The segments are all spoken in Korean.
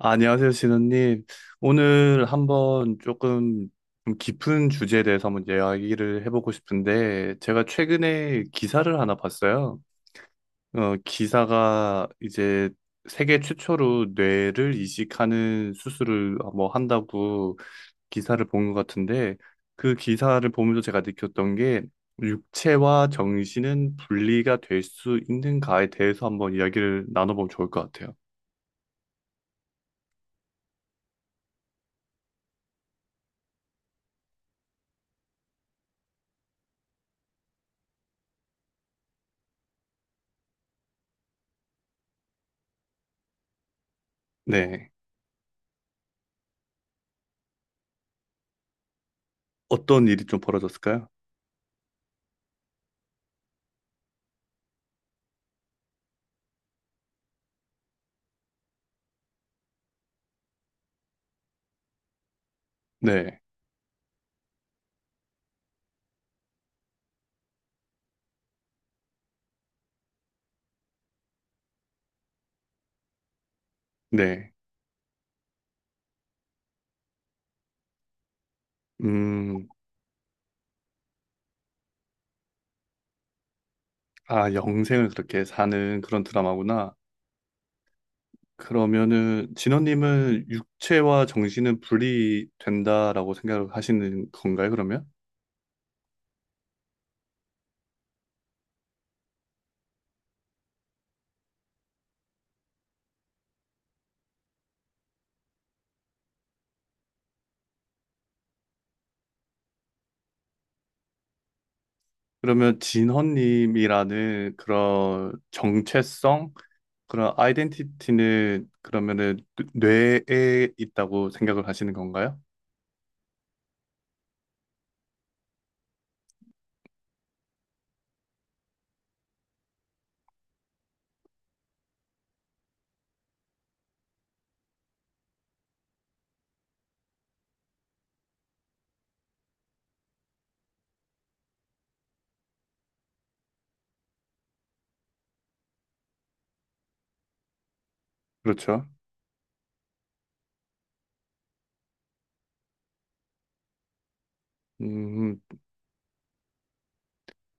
아, 안녕하세요, 신원님. 오늘 한번 조금 좀 깊은 주제에 대해서 한번 이야기를 해보고 싶은데, 제가 최근에 기사를 하나 봤어요. 기사가 이제 세계 최초로 뇌를 이식하는 수술을 뭐 한다고 기사를 본 것 같은데, 그 기사를 보면서 제가 느꼈던 게, 육체와 정신은 분리가 될 수 있는가에 대해서 한번 이야기를 나눠보면 좋을 것 같아요. 네. 어떤 일이 좀 벌어졌을까요? 네, 네. 음, 아, 영생을 그렇게 사는 그런 드라마구나. 그러면은 진원님은 육체와 정신은 분리 된다라고 생각을 하시는 건가요, 그러면? 그러면 진헌님이라는 그런 정체성, 그런 아이덴티티는 그러면은 뇌에 있다고 생각을 하시는 건가요? 그렇죠. 음,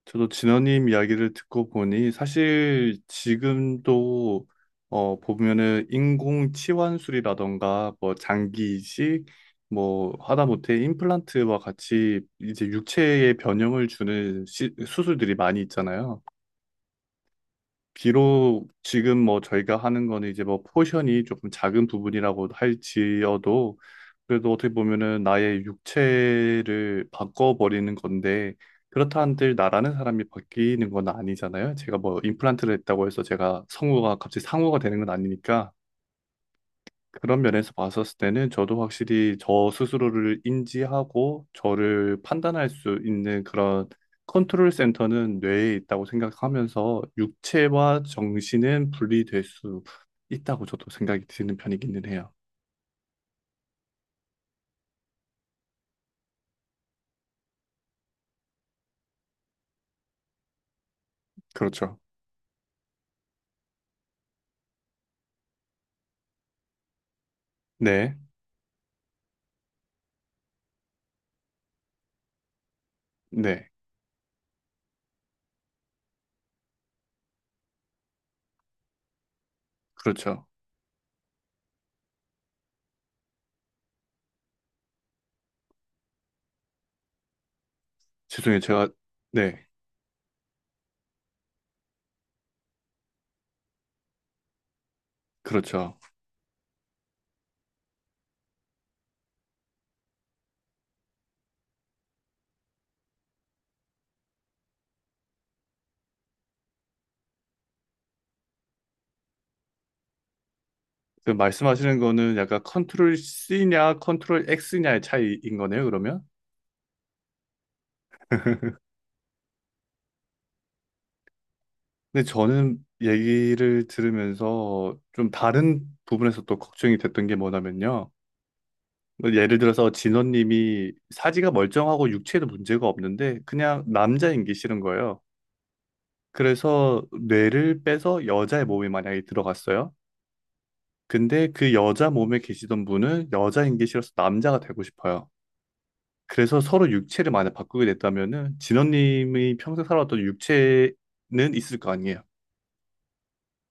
저도 진원님 이야기를 듣고 보니 사실 지금도 어 보면은 인공 치환술이라던가 뭐 장기 이식 뭐 하다못해 임플란트와 같이 이제 육체의 변형을 주는 수술들이 많이 있잖아요. 비록 지금 뭐 저희가 하는 거는 이제 뭐 포션이 조금 작은 부분이라고 할지어도 그래도 어떻게 보면은 나의 육체를 바꿔버리는 건데 그렇다 한들 나라는 사람이 바뀌는 건 아니잖아요. 제가 뭐 임플란트를 했다고 해서 제가 성우가 갑자기 상우가 되는 건 아니니까 그런 면에서 봤었을 때는 저도 확실히 저 스스로를 인지하고 저를 판단할 수 있는 그런 컨트롤 센터는 뇌에 있다고 생각하면서 육체와 정신은 분리될 수 있다고 저도 생각이 드는 편이기는 해요. 그렇죠. 네, 네, 그렇죠. 죄송해요. 제가, 네, 그렇죠. 그 말씀하시는 거는 약간 컨트롤 C냐 컨트롤 X냐의 차이인 거네요, 그러면? 근데 저는 얘기를 들으면서 좀 다른 부분에서 또 걱정이 됐던 게 뭐냐면요. 뭐 예를 들어서 진원님이 사지가 멀쩡하고 육체에도 문제가 없는데 그냥 남자인 게 싫은 거예요. 그래서 뇌를 빼서 여자의 몸에 만약에 들어갔어요. 근데 그 여자 몸에 계시던 분은 여자인 게 싫어서 남자가 되고 싶어요. 그래서 서로 육체를 만약 바꾸게 됐다면은 진원님이 평생 살아왔던 육체는 있을 거 아니에요.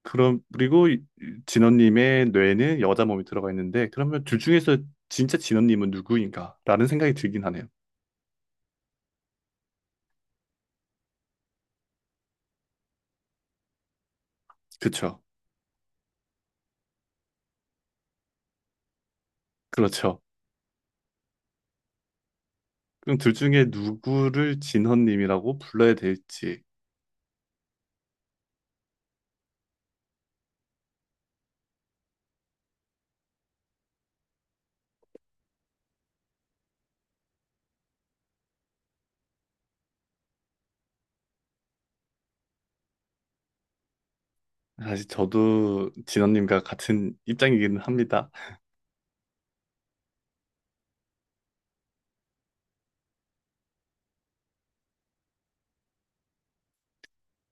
그럼 그리고 진원님의 뇌는 여자 몸이 들어가 있는데 그러면 둘 중에서 진짜 진원님은 누구인가라는 생각이 들긴 하네요. 그쵸? 그렇죠. 그럼 둘 중에 누구를 진원님이라고 불러야 될지 사실 저도 진원님과 같은 입장이기는 합니다.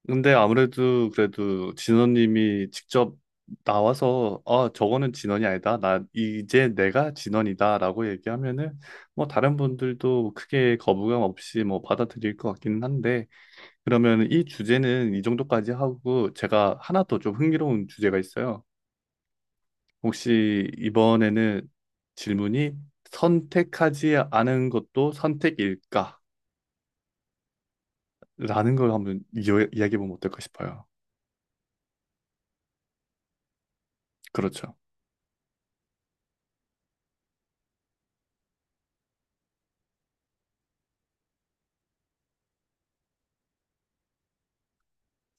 근데 아무래도 그래도 진원님이 직접 나와서 아 저거는 진원이 아니다 나 이제 내가 진원이다라고 얘기하면은 뭐 다른 분들도 크게 거부감 없이 뭐 받아들일 것 같기는 한데 그러면 이 주제는 이 정도까지 하고 제가 하나 더 좀 흥미로운 주제가 있어요. 혹시 이번에는 질문이 선택하지 않은 것도 선택일까라는 걸 한번 이야기해 보면 어떨까 싶어요. 그렇죠.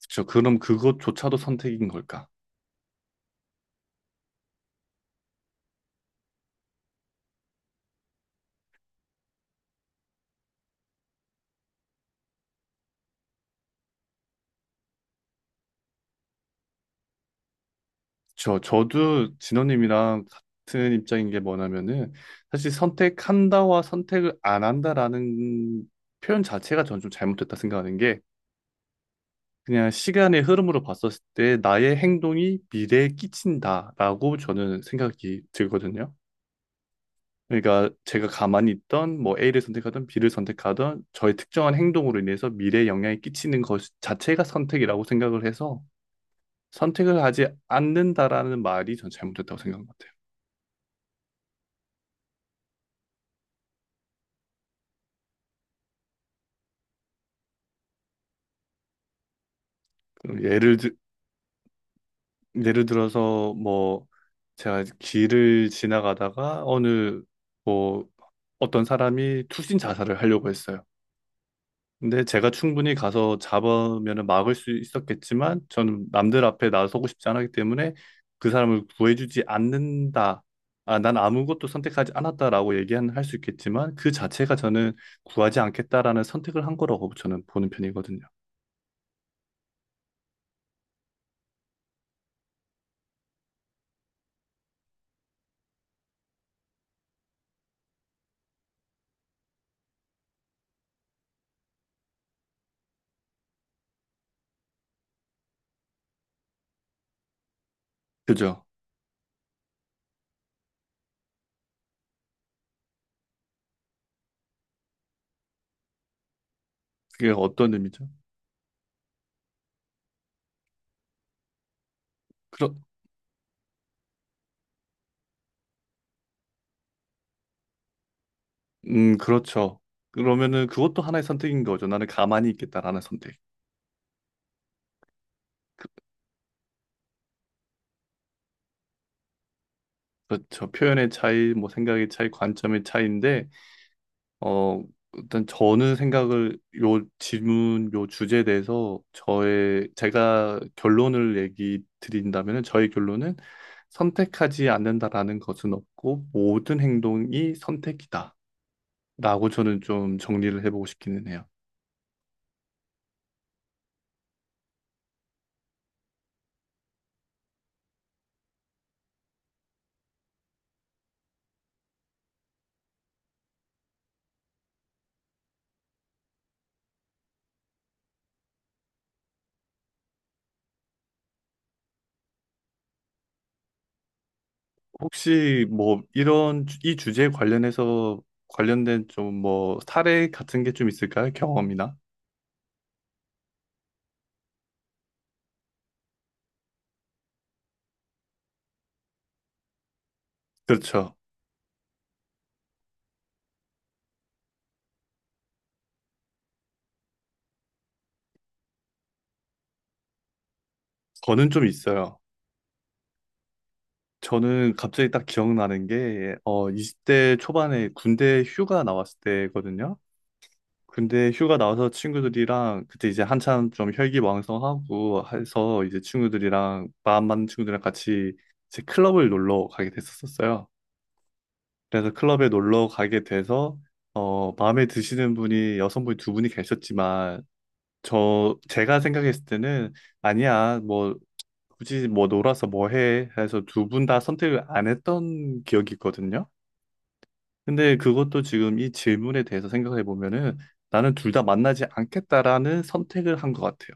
그쵸. 그럼 그것조차도 선택인 걸까? 저도 진호님이랑 같은 입장인 게 뭐냐면은 사실 선택한다와 선택을 안 한다라는 표현 자체가 저는 좀 잘못됐다 생각하는 게 그냥 시간의 흐름으로 봤었을 때 나의 행동이 미래에 끼친다라고 저는 생각이 들거든요. 그러니까 제가 가만히 있던 뭐 A를 선택하든 B를 선택하든 저의 특정한 행동으로 인해서 미래에 영향이 끼치는 것 자체가 선택이라고 생각을 해서 선택을 하지 않는다라는 말이 전 잘못됐다고 생각한 것 같아요. 그럼 예를 들, 예를 들어서 뭐 제가 길을 지나가다가 어느 뭐 어떤 사람이 투신 자살을 하려고 했어요. 근데 제가 충분히 가서 잡으면 막을 수 있었겠지만 저는 남들 앞에 나서고 싶지 않았기 때문에 그 사람을 구해주지 않는다. 아, 난 아무것도 선택하지 않았다라고 얘기는 할 수 있겠지만 그 자체가 저는 구하지 않겠다라는 선택을 한 거라고 저는 보는 편이거든요. 그죠? 그게 어떤 의미죠? 그러, 그렇죠. 그러면은 그것도 하나의 선택인 거죠. 나는 가만히 있겠다라는 선택. 그렇죠. 표현의 차이, 뭐 생각의 차이, 관점의 차이인데, 어, 일단 저는 생각을 요 질문, 요 주제에 대해서 저의 제가 결론을 얘기 드린다면은 저의 결론은 선택하지 않는다라는 것은 없고 모든 행동이 선택이다라고 저는 좀 정리를 해보고 싶기는 해요. 혹시 뭐 이런 이 주제에 관련해서 관련된 좀 뭐 사례 같은 게 좀 있을까요? 경험이나? 그렇죠. 저는 좀 있어요. 저는 갑자기 딱 기억나는 게 어, 20대 초반에 군대 휴가 나왔을 때거든요. 군대 휴가 나와서 친구들이랑 그때 이제 한참 좀 혈기왕성하고 해서 이제 친구들이랑 마음 맞는 친구들이랑 같이 이제 클럽을 놀러 가게 됐었어요. 그래서 클럽에 놀러 가게 돼서 어 마음에 드시는 분이 여성분이 두 분이 계셨지만 저 제가 생각했을 때는 아니야 뭐 굳이 뭐 놀아서 뭐 해? 해서 두 분 다 선택을 안 했던 기억이 있거든요. 근데 그것도 지금 이 질문에 대해서 생각해 보면은 나는 둘 다 만나지 않겠다라는 선택을 한 것 같아요.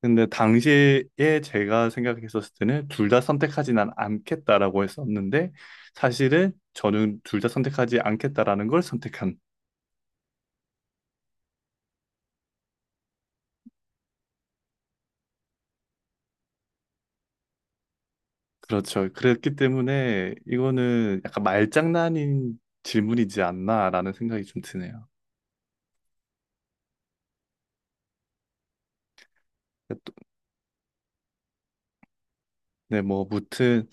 근데 당시에 제가 생각했었을 때는 둘 다 선택하지는 않겠다라고 했었는데 사실은 저는 둘 다 선택하지 않겠다라는 걸 선택한 그렇죠. 그랬기 때문에 이거는 약간 말장난인 질문이지 않나라는 생각이 좀 드네요. 네, 뭐, 무튼,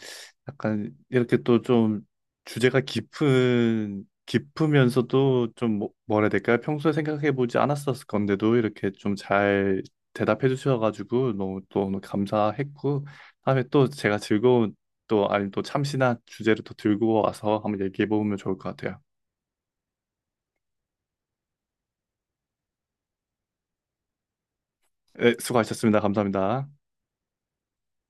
약간, 이렇게 또 좀, 주제가 깊은, 깊으면서도 좀, 뭐라 해야 될까요? 평소에 생각해보지 않았었을 건데도, 이렇게 좀 잘 대답해 주셔가지고, 너무 또 오늘 감사했고, 다음에 또 제가 즐거운, 또, 아니, 또 참신한 주제를 또 들고 와서 한번 얘기해보면 좋을 것 같아요. 네, 수고하셨습니다. 감사합니다.